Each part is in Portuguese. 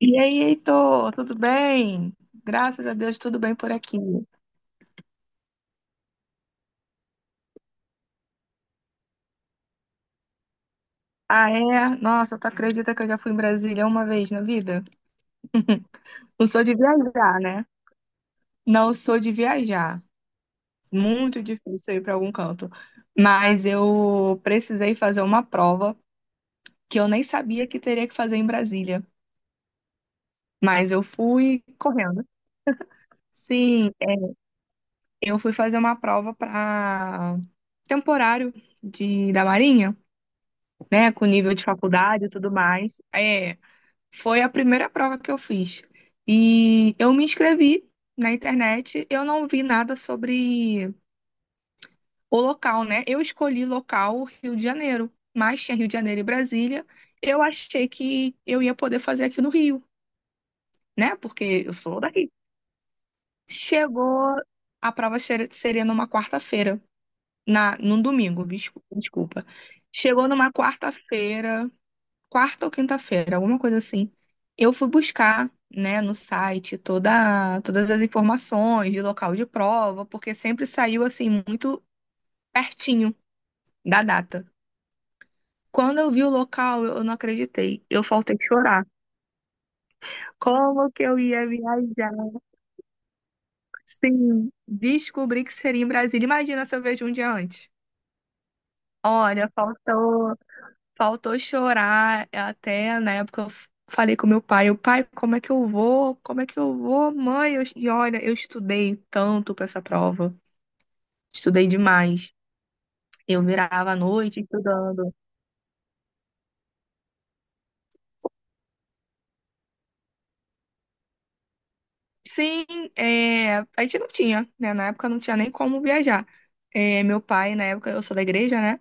E aí, Heitor, tudo bem? Graças a Deus, tudo bem por aqui. Ah, é? Nossa, tu acredita que eu já fui em Brasília uma vez na vida? Não sou de viajar, né? Não sou de viajar. Muito difícil ir para algum canto. Mas eu precisei fazer uma prova que eu nem sabia que teria que fazer em Brasília. Mas eu fui correndo. Sim, eu fui fazer uma prova para temporário da Marinha, né? Com nível de faculdade e tudo mais. É. Foi a primeira prova que eu fiz. E eu me inscrevi na internet, eu não vi nada sobre o local, né? Eu escolhi local Rio de Janeiro, mas tinha Rio de Janeiro e Brasília. Eu achei que eu ia poder fazer aqui no Rio, né? Porque eu sou daqui. Chegou, a prova seria numa quarta-feira, na num domingo, desculpa. Chegou numa quarta-feira, quarta ou quinta-feira, alguma coisa assim. Eu fui buscar, né, no site todas as informações de local de prova, porque sempre saiu assim muito pertinho da data. Quando eu vi o local, eu não acreditei. Eu faltei chorar. Como que eu ia viajar? Sim, descobri que seria em Brasília. Imagina se eu vejo um dia antes. Olha, faltou. Faltou chorar até na época eu falei com meu pai, o pai, como é que eu vou? Como é que eu vou, mãe? Eu, e olha, eu estudei tanto para essa prova, estudei demais. Eu virava à noite estudando. Sim, é, a gente não tinha, né? Na época não tinha nem como viajar. É, meu pai, na época, eu sou da igreja, né?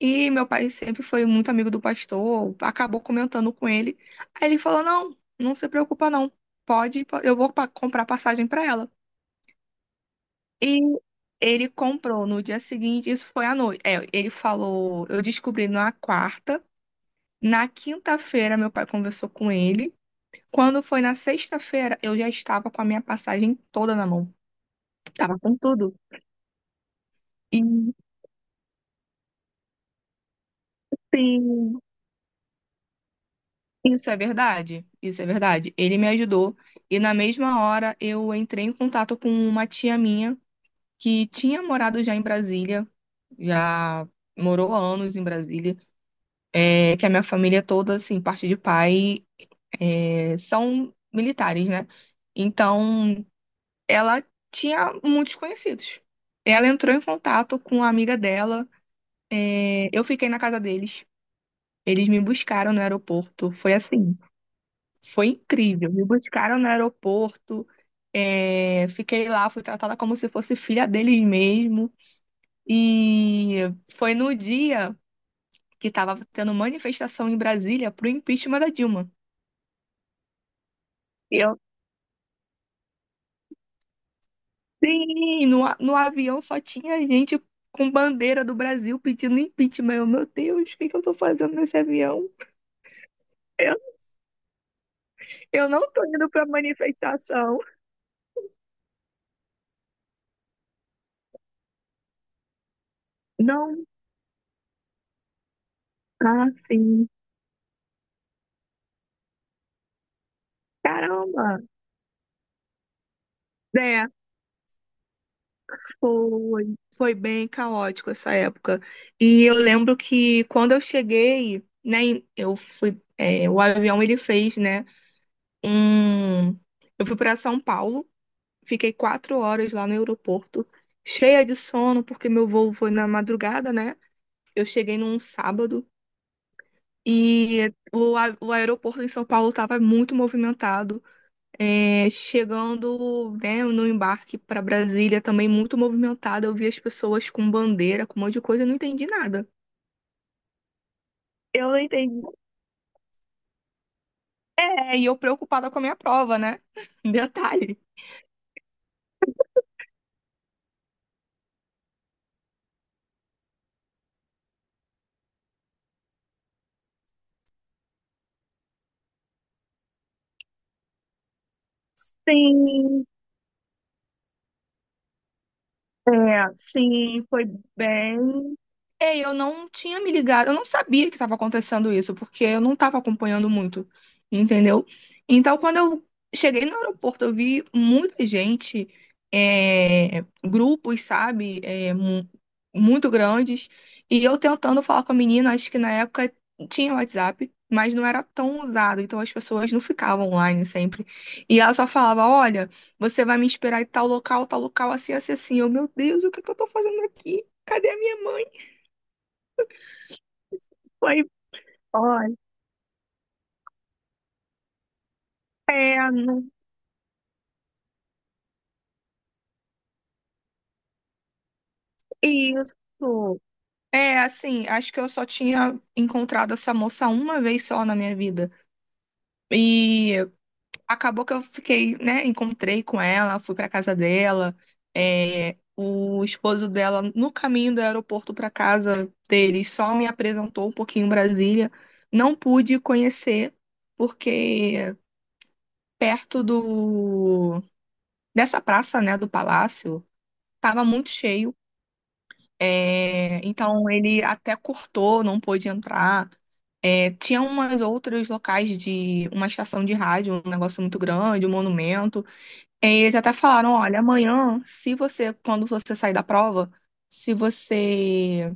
E meu pai sempre foi muito amigo do pastor, acabou comentando com ele. Aí ele falou: Não, não se preocupa, não. Pode, eu vou comprar passagem para ela. E ele comprou no dia seguinte, isso foi à noite. É, ele falou, eu descobri na quarta, na quinta-feira meu pai conversou com ele. Quando foi na sexta-feira, eu já estava com a minha passagem toda na mão. Tava com tudo. E sim, isso é verdade. Isso é verdade. Ele me ajudou e na mesma hora eu entrei em contato com uma tia minha que tinha morado já em Brasília, já morou há anos em Brasília, é, que a minha família toda, assim, parte de pai, é, são militares, né? Então, ela tinha muitos conhecidos. Ela entrou em contato com a amiga dela. É, eu fiquei na casa deles. Eles me buscaram no aeroporto. Foi assim, foi incrível. Me buscaram no aeroporto. É, fiquei lá, fui tratada como se fosse filha deles mesmo. E foi no dia que estava tendo manifestação em Brasília pro impeachment da Dilma. Sim, no avião só tinha gente com bandeira do Brasil pedindo impeachment. Eu, meu Deus, o que que eu tô fazendo nesse avião? Eu, eu não tô indo pra manifestação. Não tá assim. Caramba! É, foi bem caótico essa época. E eu lembro que quando eu cheguei, né, eu fui, o avião ele fez, né, um, eu fui para São Paulo. Fiquei 4 horas lá no aeroporto, cheia de sono, porque meu voo foi na madrugada, né? Eu cheguei num sábado e o aeroporto em São Paulo estava muito movimentado. É, chegando, né, no embarque para Brasília, também muito movimentado. Eu vi as pessoas com bandeira, com um monte de coisa, eu não entendi nada. Eu não entendi. É, e eu preocupada com a minha prova, né? Detalhe. Sim, é, sim, foi bem. É, eu não tinha me ligado, eu não sabia que estava acontecendo isso, porque eu não estava acompanhando muito, entendeu? Então, quando eu cheguei no aeroporto, eu vi muita gente, é, grupos, sabe, é, muito grandes, e eu tentando falar com a menina, acho que na época tinha WhatsApp, mas não era tão usado, então as pessoas não ficavam online sempre. E ela só falava: Olha, você vai me esperar em tal local, assim, assim, assim. Eu, meu Deus, o que que eu tô fazendo aqui? Cadê a minha mãe? Olha, é, isso. É, assim, acho que eu só tinha encontrado essa moça uma vez só na minha vida. E acabou que eu fiquei, né? Encontrei com ela, fui pra casa dela. É, o esposo dela, no caminho do aeroporto pra casa dele, só me apresentou um pouquinho em Brasília. Não pude conhecer, porque perto do, dessa praça, né, do palácio, tava muito cheio. É, então ele até cortou, não pôde entrar. É, tinha umas outros locais de uma estação de rádio, um negócio muito grande, um monumento. É, e eles até falaram, olha, amanhã, se você, quando você sair da prova, se você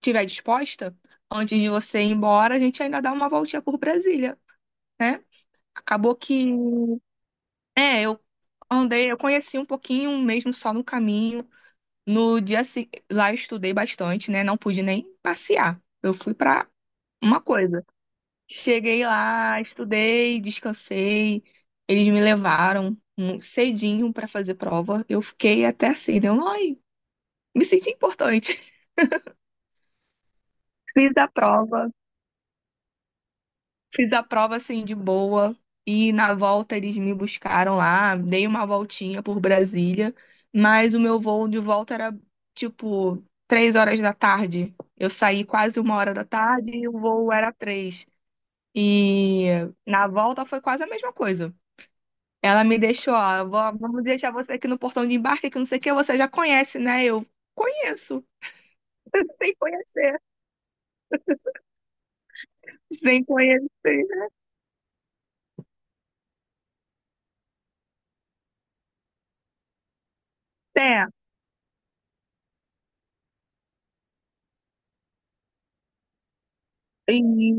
tiver disposta, antes de você ir embora, a gente ainda dá uma voltinha por Brasília, né? Acabou que, é, eu andei, eu conheci um pouquinho mesmo só no caminho. No dia se... lá eu estudei bastante, né? Não pude nem passear. Eu fui pra uma coisa. Cheguei lá, estudei, descansei. Eles me levaram cedinho pra fazer prova. Eu fiquei até assim, deu, ai, me senti importante. Fiz a prova. Fiz a prova assim de boa e na volta eles me buscaram lá, dei uma voltinha por Brasília, mas o meu voo de volta era tipo 3 horas da tarde. Eu saí quase 1 hora da tarde e o voo era três. E na volta foi quase a mesma coisa. Ela me deixou, ó, "Vó, vamos deixar você aqui no portão de embarque, que não sei o que, você já conhece, né?" Eu conheço, sem conhecer, sem conhecer. É,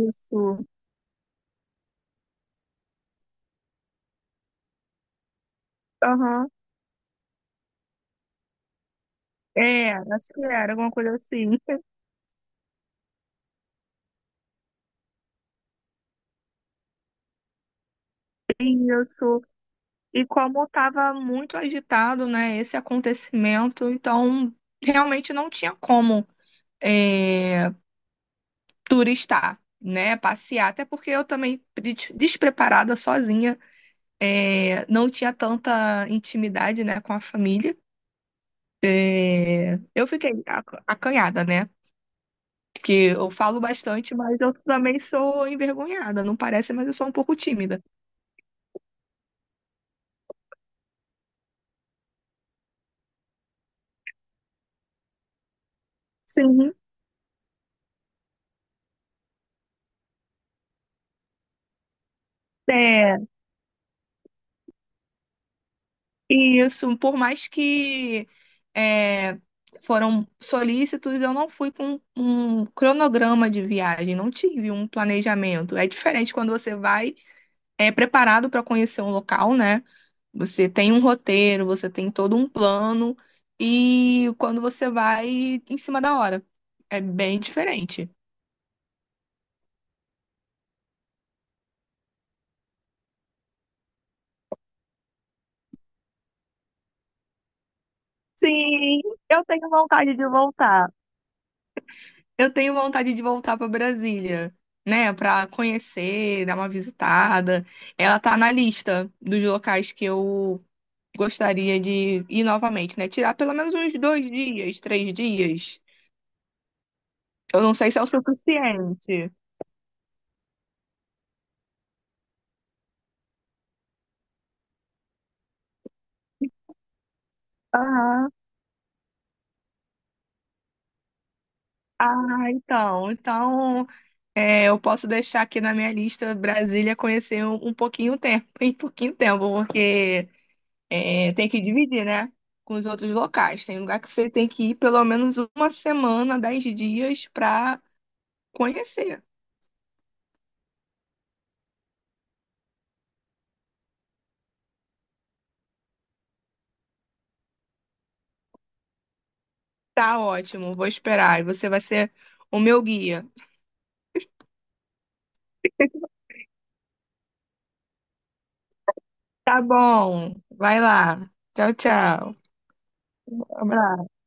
isso. Aham. É, acho que era alguma coisa assim. Isso. E como estava muito agitado, né, esse acontecimento, então realmente não tinha como é, turistar, né, passear. Até porque eu também, despreparada, sozinha, é, não tinha tanta intimidade, né, com a família. É, eu fiquei acanhada, né? Porque eu falo bastante, mas eu também sou envergonhada, não parece, mas eu sou um pouco tímida. Sim. É, isso, por mais que é, foram solícitos, eu não fui com um cronograma de viagem, não tive um planejamento. É diferente quando você vai é, preparado para conhecer um local, né? Você tem um roteiro, você tem todo um plano, e quando você vai em cima da hora, é bem diferente. Sim, eu tenho vontade de voltar. Eu tenho vontade de voltar para Brasília, né, para conhecer, dar uma visitada. Ela tá na lista dos locais que eu gostaria de ir novamente, né? Tirar pelo menos uns 2 dias, 3 dias. Eu não sei se é o suficiente. Aham. Ah, então, é, eu posso deixar aqui na minha lista Brasília conhecer um pouquinho tempo, em pouquinho tempo, porque é, tem que dividir, né? Com os outros locais. Tem lugar que você tem que ir pelo menos uma semana, 10 dias para conhecer. Tá ótimo, vou esperar. E você vai ser o meu guia. Tá bom, vai lá. Tchau, tchau. Um abraço.